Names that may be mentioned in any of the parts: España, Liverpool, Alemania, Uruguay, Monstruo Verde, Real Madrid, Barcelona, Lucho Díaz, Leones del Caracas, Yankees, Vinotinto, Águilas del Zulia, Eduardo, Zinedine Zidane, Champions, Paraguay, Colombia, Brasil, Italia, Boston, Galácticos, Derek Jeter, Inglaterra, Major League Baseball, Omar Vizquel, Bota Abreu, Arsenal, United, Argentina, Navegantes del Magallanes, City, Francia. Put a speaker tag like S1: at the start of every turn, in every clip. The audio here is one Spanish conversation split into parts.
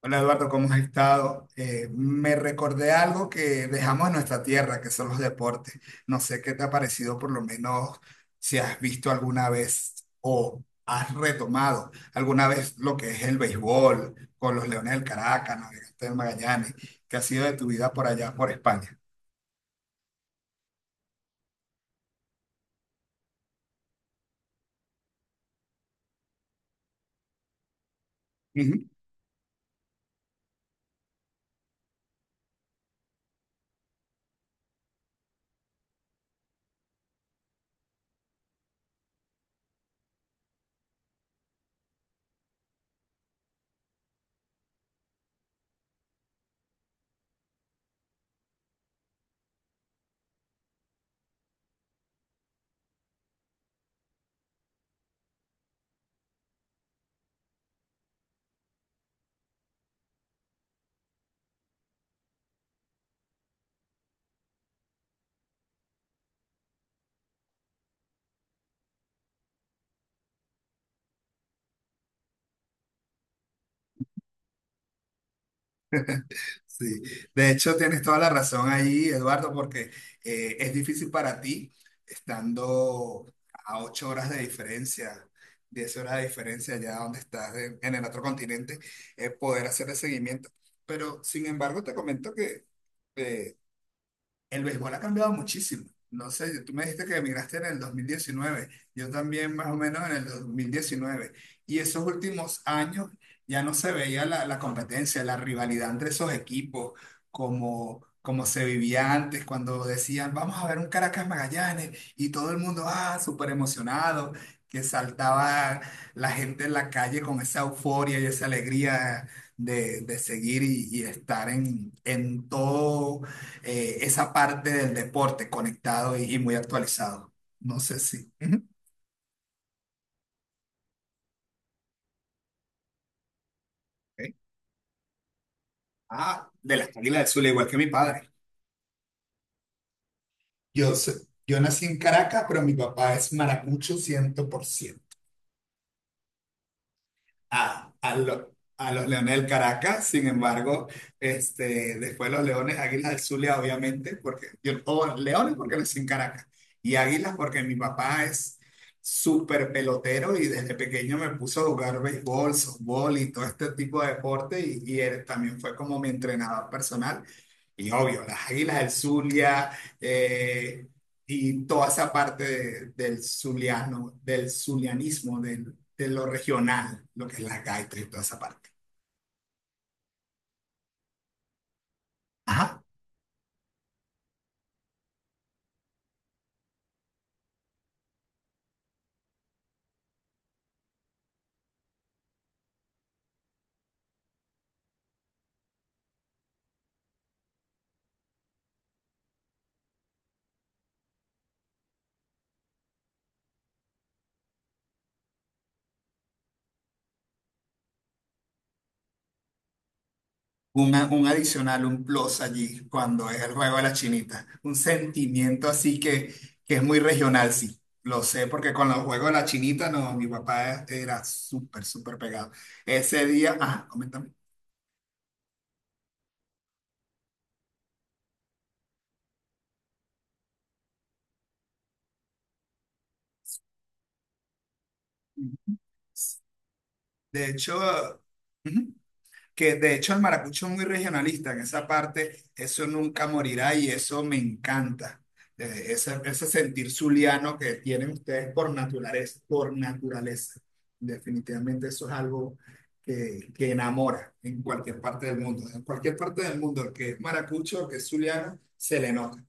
S1: Hola Eduardo, ¿cómo has estado? Me recordé algo que dejamos en nuestra tierra, que son los deportes. No sé qué te ha parecido, por lo menos si has visto alguna vez o has retomado alguna vez lo que es el béisbol con los Leones del Caracas, Navegantes del Magallanes, que ha sido de tu vida por allá, por España. Sí, de hecho tienes toda la razón ahí, Eduardo, porque es difícil para ti estando a 8 horas de diferencia, 10 horas de diferencia allá donde estás en el otro continente, poder hacer el seguimiento. Pero sin embargo, te comento que eh, el béisbol ha cambiado muchísimo. No sé, tú me dijiste que emigraste en el 2019, yo también más o menos en el 2019. Y esos últimos años ya no se veía la competencia, la rivalidad entre esos equipos, como se vivía antes, cuando decían, vamos a ver un Caracas Magallanes, y todo el mundo, ah, súper emocionado, que saltaba la gente en la calle con esa euforia y esa alegría de seguir y estar en todo esa parte del deporte conectado y muy actualizado. No sé si. Ujú, ok. Ah, de las Águilas del Zulia, igual que mi padre. Yo nací en Caracas, pero mi papá es maracucho 100% a los Leones del Caracas. Sin embargo, este, después los Leones, Águilas del Zulia, obviamente, porque yo, o bueno, Leones porque nací en Caracas, y Águilas porque mi papá es súper pelotero y desde pequeño me puso a jugar béisbol, softball y todo este tipo de deporte y él también fue como mi entrenador personal. Y obvio, las Águilas del Zulia, eh, y toda esa parte del zuliano, del zulianismo, del de lo regional, lo que es la gaita y toda esa parte. Ajá. Un adicional, un plus allí cuando es el juego de la chinita. Un sentimiento así que es muy regional, sí. Lo sé porque con los juegos de la chinita, no, mi papá era súper, súper pegado. Ese día, ajá, coméntame. De hecho, ujú, que de hecho el maracucho es muy regionalista, en esa parte eso nunca morirá y eso me encanta. Ese sentir zuliano que tienen ustedes por naturaleza, por naturaleza. Definitivamente eso es algo que enamora en cualquier parte del mundo. En cualquier parte del mundo, el que es maracucho, el que es zuliano, se le nota.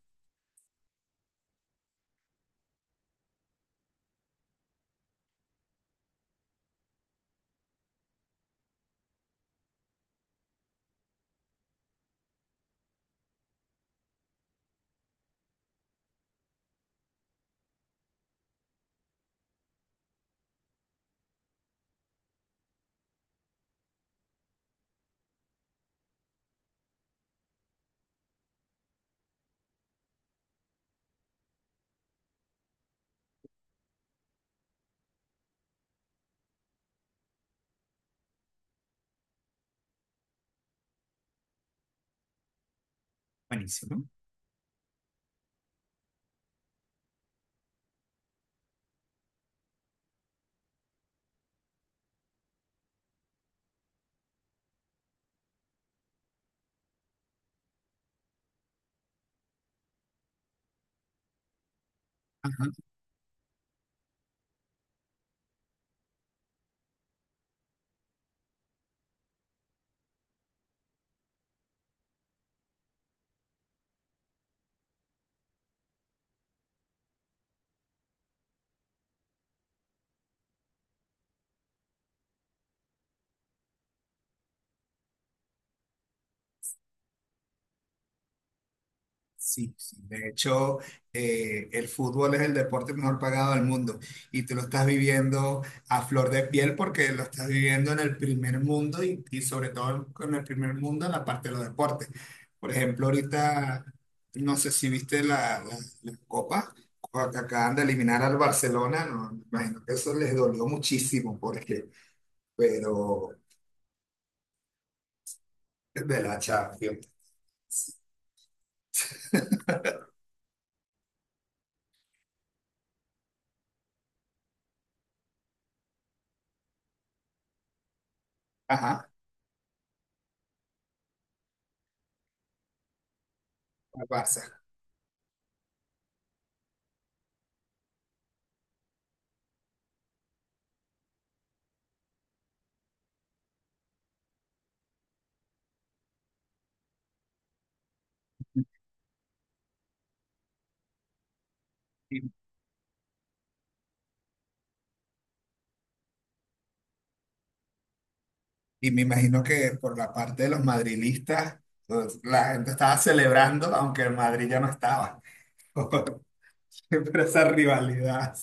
S1: Buenísimo. Sí, sí. De hecho, el fútbol es el deporte mejor pagado del mundo y tú lo estás viviendo a flor de piel porque lo estás viviendo en el primer mundo y sobre todo en el primer mundo en la parte de los deportes. Por ejemplo, ahorita, no sé si viste la Copa, cuando que acaban de eliminar al Barcelona, no, me imagino que eso les dolió muchísimo porque, pero de la Champions, ajá, al Barça. Y me imagino que por la parte de los madrilistas, pues, la gente estaba celebrando, aunque el Madrid ya no estaba. Pero esa rivalidad.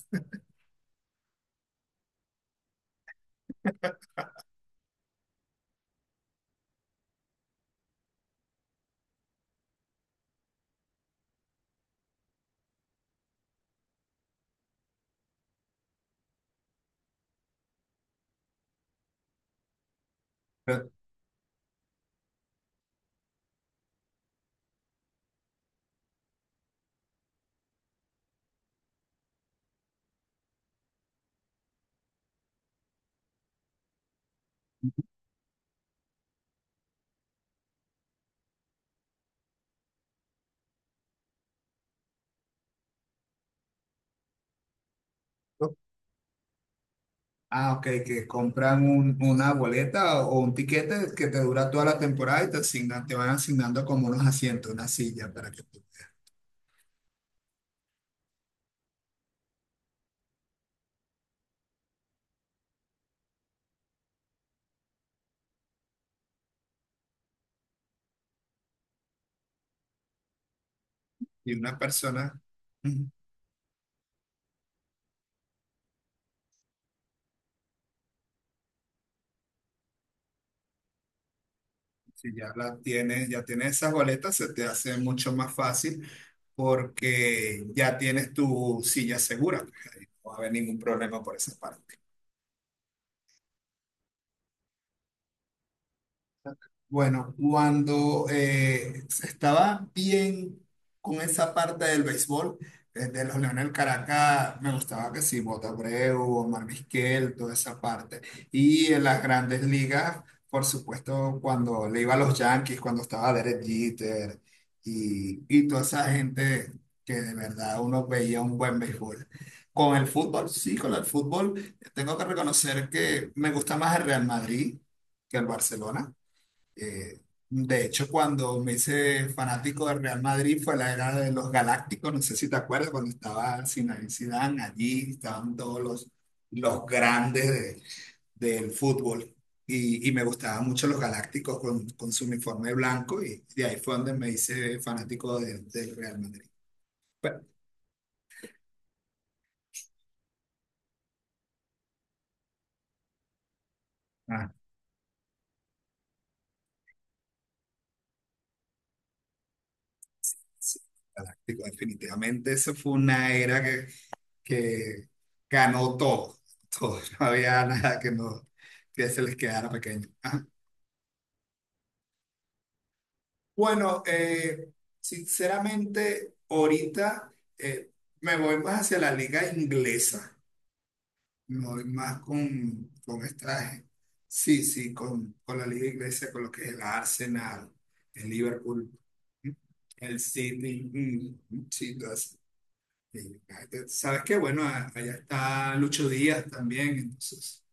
S1: Ah, ok, que compran una boleta o un tiquete que te dura toda la temporada y te asignan, te van asignando como unos asientos, una silla para que tú- y una persona. Si ya la tienes, ya tienes esas boletas, se te hace mucho más fácil porque ya tienes tu silla segura. Pues, ahí no va a haber ningún problema por esa parte. Bueno, cuando estaba bien con esa parte del béisbol, desde los Leones del Caracas, me gustaba que sí, Bota Abreu, Omar Vizquel, toda esa parte. Y en las grandes ligas, por supuesto, cuando le iba a los Yankees, cuando estaba Derek Jeter y toda esa gente que de verdad uno veía un buen béisbol. Con el fútbol, sí, con el fútbol, tengo que reconocer que me gusta más el Real Madrid que el Barcelona. Eh, de hecho, cuando me hice fanático del Real Madrid fue la era de los Galácticos, no sé si te acuerdas, cuando estaba Zinedine Zidane, allí estaban todos los grandes del fútbol y me gustaban mucho los Galácticos con su uniforme blanco y de ahí fue donde me hice fanático del Real Madrid. Pero, ah, sí, Galáctico, definitivamente, eso fue una era que ganó todo, todo. No había nada que, no, que se les quedara pequeño. Ajá. Bueno, sinceramente, ahorita me voy más hacia la liga inglesa, me voy más con esta, sí, sí, con la liga inglesa, con lo que es el Arsenal, el Liverpool, el City, mm, sí, lo hace. El United. Sabes que bueno, allá está Lucho Díaz también, entonces,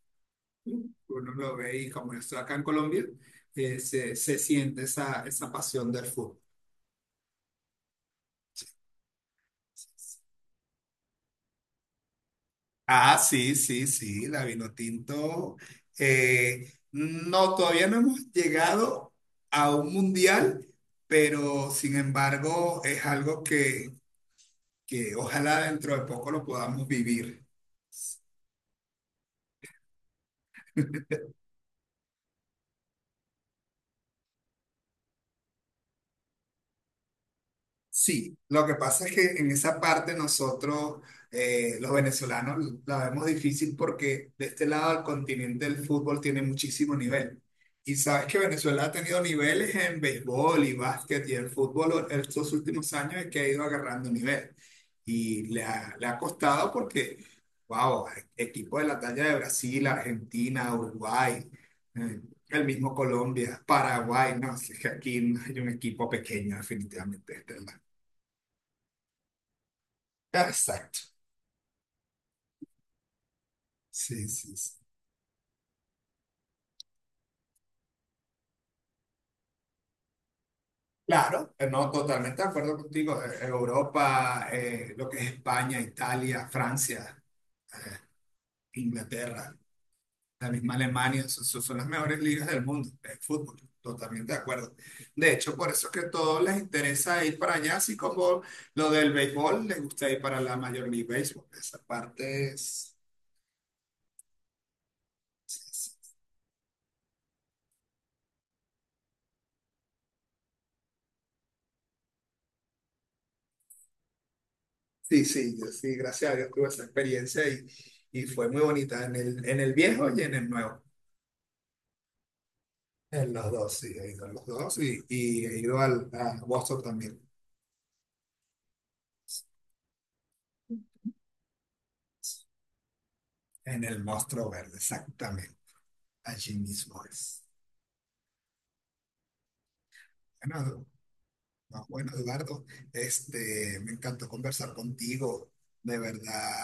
S1: uno lo ve y como yo estoy acá en Colombia, se, se siente esa, esa pasión del fútbol. Ah, sí, sí, sí, la Vinotinto. No, todavía no hemos llegado a un mundial, pero sin embargo es algo que ojalá dentro de poco lo podamos vivir. Sí, lo que pasa es que en esa parte nosotros, los venezolanos, la vemos difícil porque de este lado del continente el fútbol tiene muchísimo nivel. Y sabes que Venezuela ha tenido niveles en béisbol y básquet y el fútbol en estos últimos años es que ha ido agarrando nivel. Y le ha costado porque, wow, equipos de la talla de Brasil, Argentina, Uruguay, eh, el mismo Colombia, Paraguay, no, si es que aquí no hay un equipo pequeño definitivamente. Exacto. Sí, sí, sí. Claro, no, totalmente de acuerdo contigo. Europa, lo que es España, Italia, Francia, eh, Inglaterra, la misma Alemania, son las mejores ligas del mundo de fútbol. Totalmente de acuerdo. De hecho, por eso es que a todos les interesa ir para allá, así como lo del béisbol, les gusta ir para la Major League Baseball. Esa parte es... Sí, sí, yo sí, gracias a Dios tuve esa experiencia y fue muy bonita en el viejo y en el nuevo. En los dos, sí, he ido a los dos y he ido al, a Boston también, en el Monstruo Verde, exactamente, allí mismo es. Bueno, no, bueno, Eduardo, este, me encantó conversar contigo, de verdad,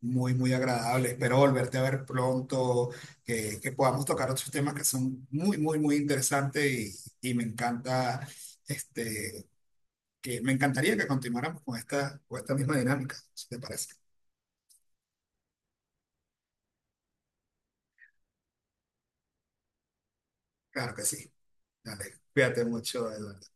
S1: muy, muy agradable. Espero volverte a ver pronto, que podamos tocar otros temas que son muy, muy, muy interesantes y me encanta, este, que me encantaría que continuáramos con esta misma dinámica, si te parece. Claro que sí. Dale, cuídate mucho, Eduardo.